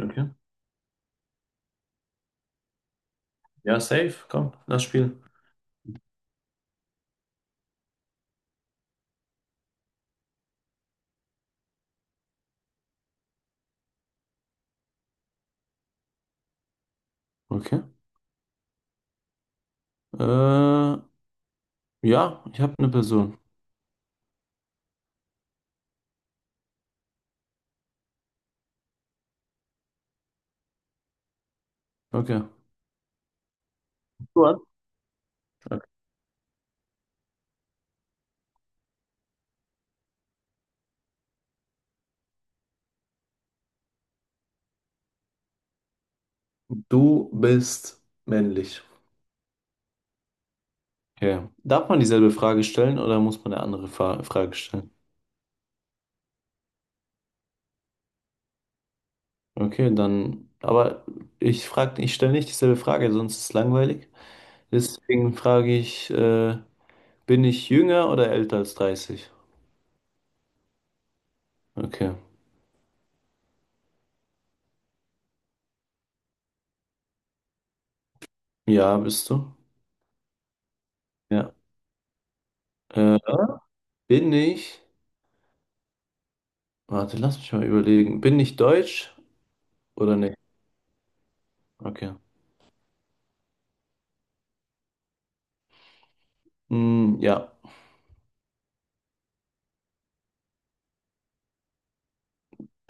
Okay. Ja, safe. Komm, lass spielen. Okay. Äh, ja, ich habe eine Person. Okay. Du an. Okay. Du bist männlich. Okay. Darf man dieselbe Frage stellen oder muss man eine andere Fa Frage stellen? Okay, dann. Aber ich stelle nicht dieselbe Frage, sonst ist es langweilig. Deswegen frage ich, bin ich jünger oder älter als 30? Okay. Ja, bist du? Ja. Äh, Bin ich? Warte, lass mich mal überlegen. Bin ich deutsch oder nicht? Okay. Hm, ja.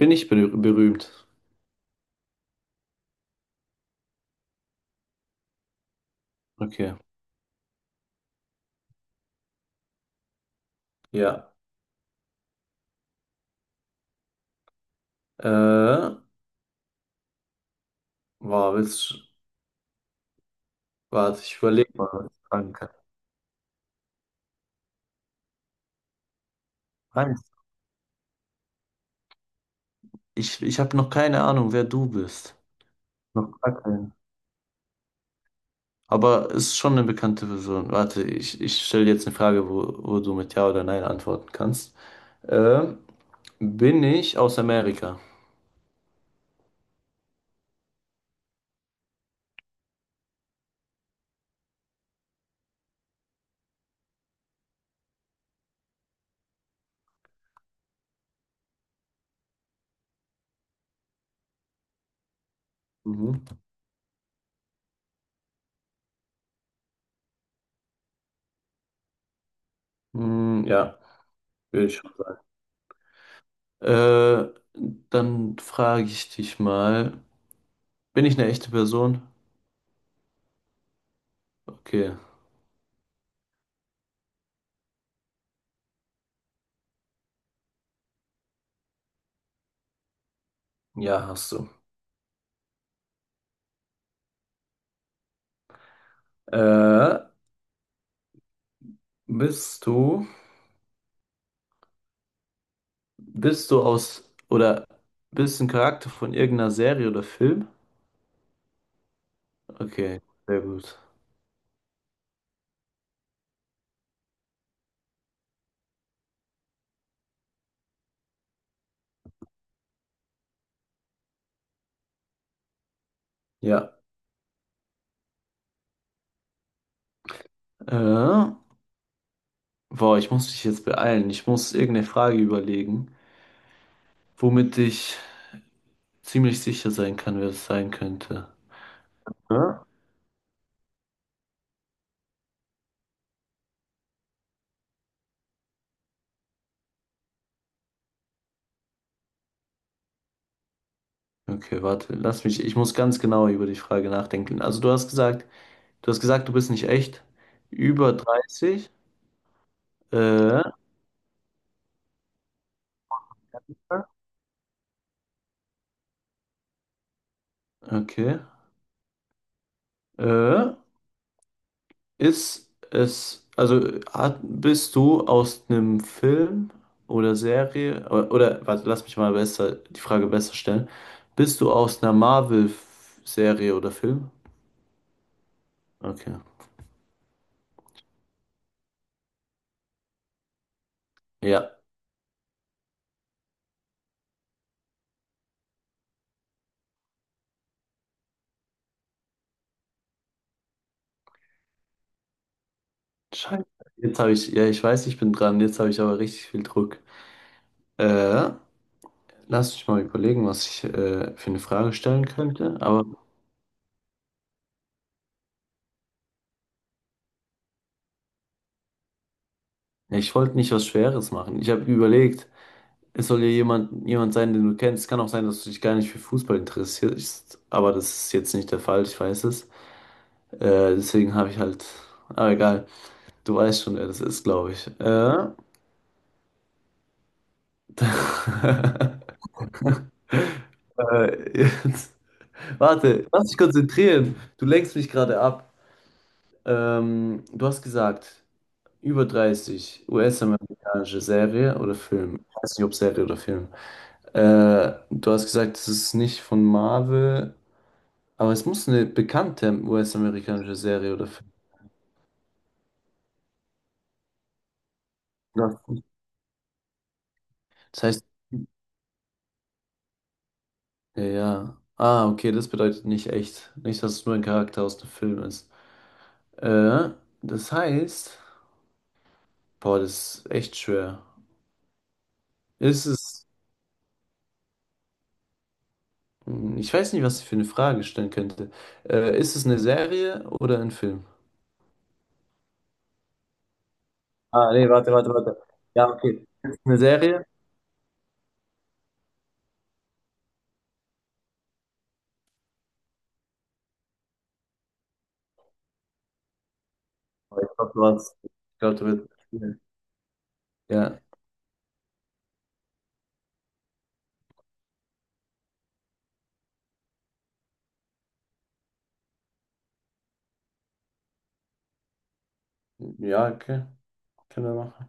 Bin ich berühmt? Okay. Ja. Äh, boah, willst, Warte, ich überlege mal, was ich fragen kann. Nein, ich habe noch keine Ahnung, wer du bist. Noch gar keinen. Aber ist schon eine bekannte Person. Warte, ich stelle jetzt eine Frage, wo du mit Ja oder Nein antworten kannst. Äh, Bin ich aus Amerika? Mhm. Hm, ja, würde ich schon sagen. Äh, Dann frage ich dich mal, bin ich eine echte Person? Okay, ja, hast du. Äh, bist du, bist du aus, oder bist ein Charakter von irgendeiner Serie oder Film? Okay, sehr gut. Ja. Äh, Boah, ich muss mich jetzt beeilen. Ich muss irgendeine Frage überlegen, womit ich ziemlich sicher sein kann, wer es sein könnte. Ja? Okay, warte, ich muss ganz genau über die Frage nachdenken. Also du hast gesagt, du bist nicht echt über 30. Äh, okay. Äh, Ist es, bist du aus einem Film oder Serie, oder warte, lass mich mal besser, die Frage besser stellen. Bist du aus einer Marvel-Serie oder Film? Okay. Ja. Scheiße. Jetzt habe ich, ja, ich weiß, ich bin dran, jetzt habe ich aber richtig viel Druck. Äh, Lass mich mal überlegen, was ich für eine Frage stellen könnte, aber ich wollte nicht was Schweres machen. Ich habe überlegt, es soll ja jemand sein, den du kennst. Kann auch sein, dass du dich gar nicht für Fußball interessierst, aber das ist jetzt nicht der Fall, ich weiß es. Deswegen habe ich halt. Aber egal, du weißt schon, wer das ist, glaube ich. Jetzt. Warte, lass dich konzentrieren. Du lenkst mich gerade ab. Du hast gesagt, über 30 US-amerikanische Serie oder Film. Ich weiß nicht, ob Serie oder Film. Du hast gesagt, es ist nicht von Marvel. Aber es muss eine bekannte US-amerikanische Serie oder Film sein. Das heißt, ja. Ja. Ah, okay, das bedeutet nicht echt. Nicht, dass es nur ein Charakter aus dem Film ist. Äh, Das heißt, boah, das ist echt schwer. Ist es, Hm, ich weiß nicht, was ich für eine Frage stellen könnte. Ist es eine Serie oder ein Film? Ah, nee, warte. Ja, okay. Ist es eine Serie? Oh, ich glaube, ich glaube, du wirst. Ja, ja, okay, können wir machen.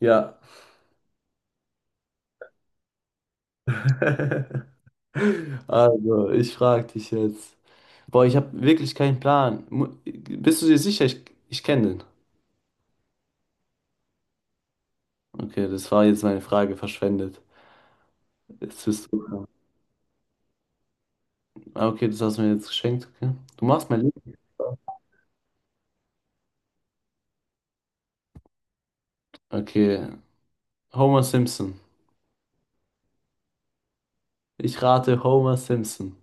Ja. Also, ich frage dich jetzt. Boah, ich habe wirklich keinen Plan. Mu- Bist du dir sicher? Ich kenne den. Okay, das war jetzt meine Frage verschwendet. Jetzt bist du dran. Ah, okay, das hast du mir jetzt geschenkt. Okay. Du machst mein Leben. Okay, Homer Simpson. Ich rate Homer Simpson.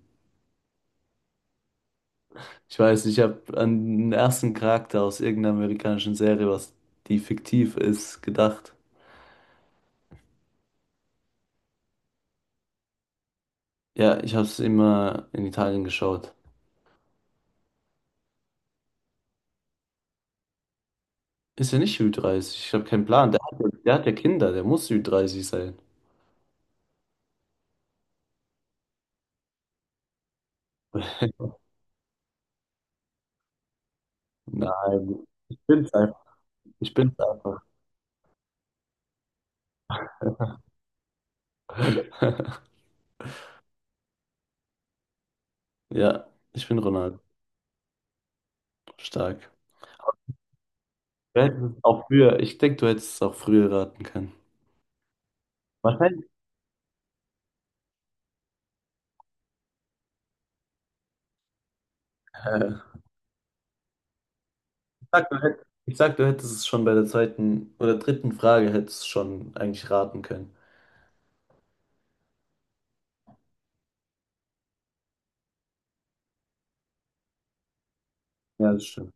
Ich weiß, ich habe an den ersten Charakter aus irgendeiner amerikanischen Serie, was die fiktiv ist, gedacht. Ja, ich habe es immer in Italien geschaut. Ist ja nicht Ü30. Ich habe keinen Plan. Der hat ja Kinder, der muss Ü30 sein. Nein, ich bin's einfach. Ich bin's einfach. Ja, ich bin Ronaldo. Stark. Du hättest es auch früher, ich denke, du hättest es auch früher raten können. Wahrscheinlich. Äh, ich sag, du hättest es schon bei der zweiten oder dritten Frage hättest du es schon eigentlich raten können. Ja, das stimmt.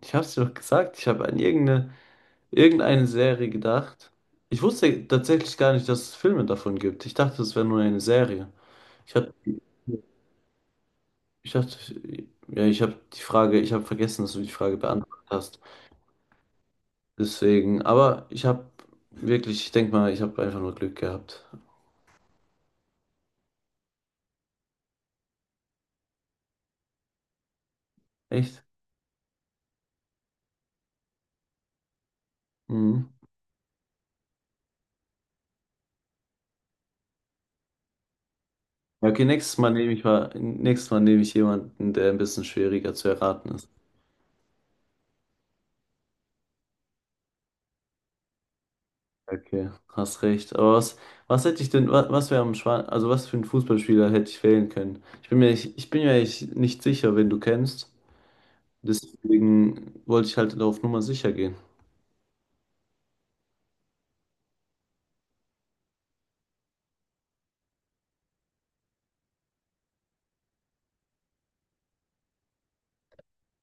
Ich hab's dir doch gesagt, ich habe an irgendeine Serie gedacht. Ich wusste tatsächlich gar nicht, dass es Filme davon gibt. Ich dachte, es wäre nur eine Serie. Ich hab, ich dachte, ja, Ich habe die ich habe vergessen, dass du die Frage beantwortet hast. Deswegen, aber ich habe wirklich, ich denke mal, ich habe einfach nur Glück gehabt. Echt? Mhm. Ja, okay, nächstes Mal nehme ich jemanden, der ein bisschen schwieriger zu erraten ist. Okay, hast recht. Aber was hätte ich denn, was wäre am Schwan, also was für einen Fußballspieler hätte ich wählen können? Ich bin mir echt nicht sicher, wen du kennst. Deswegen wollte ich halt auf Nummer sicher gehen.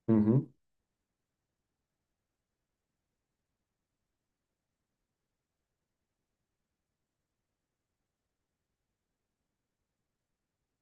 Mhm.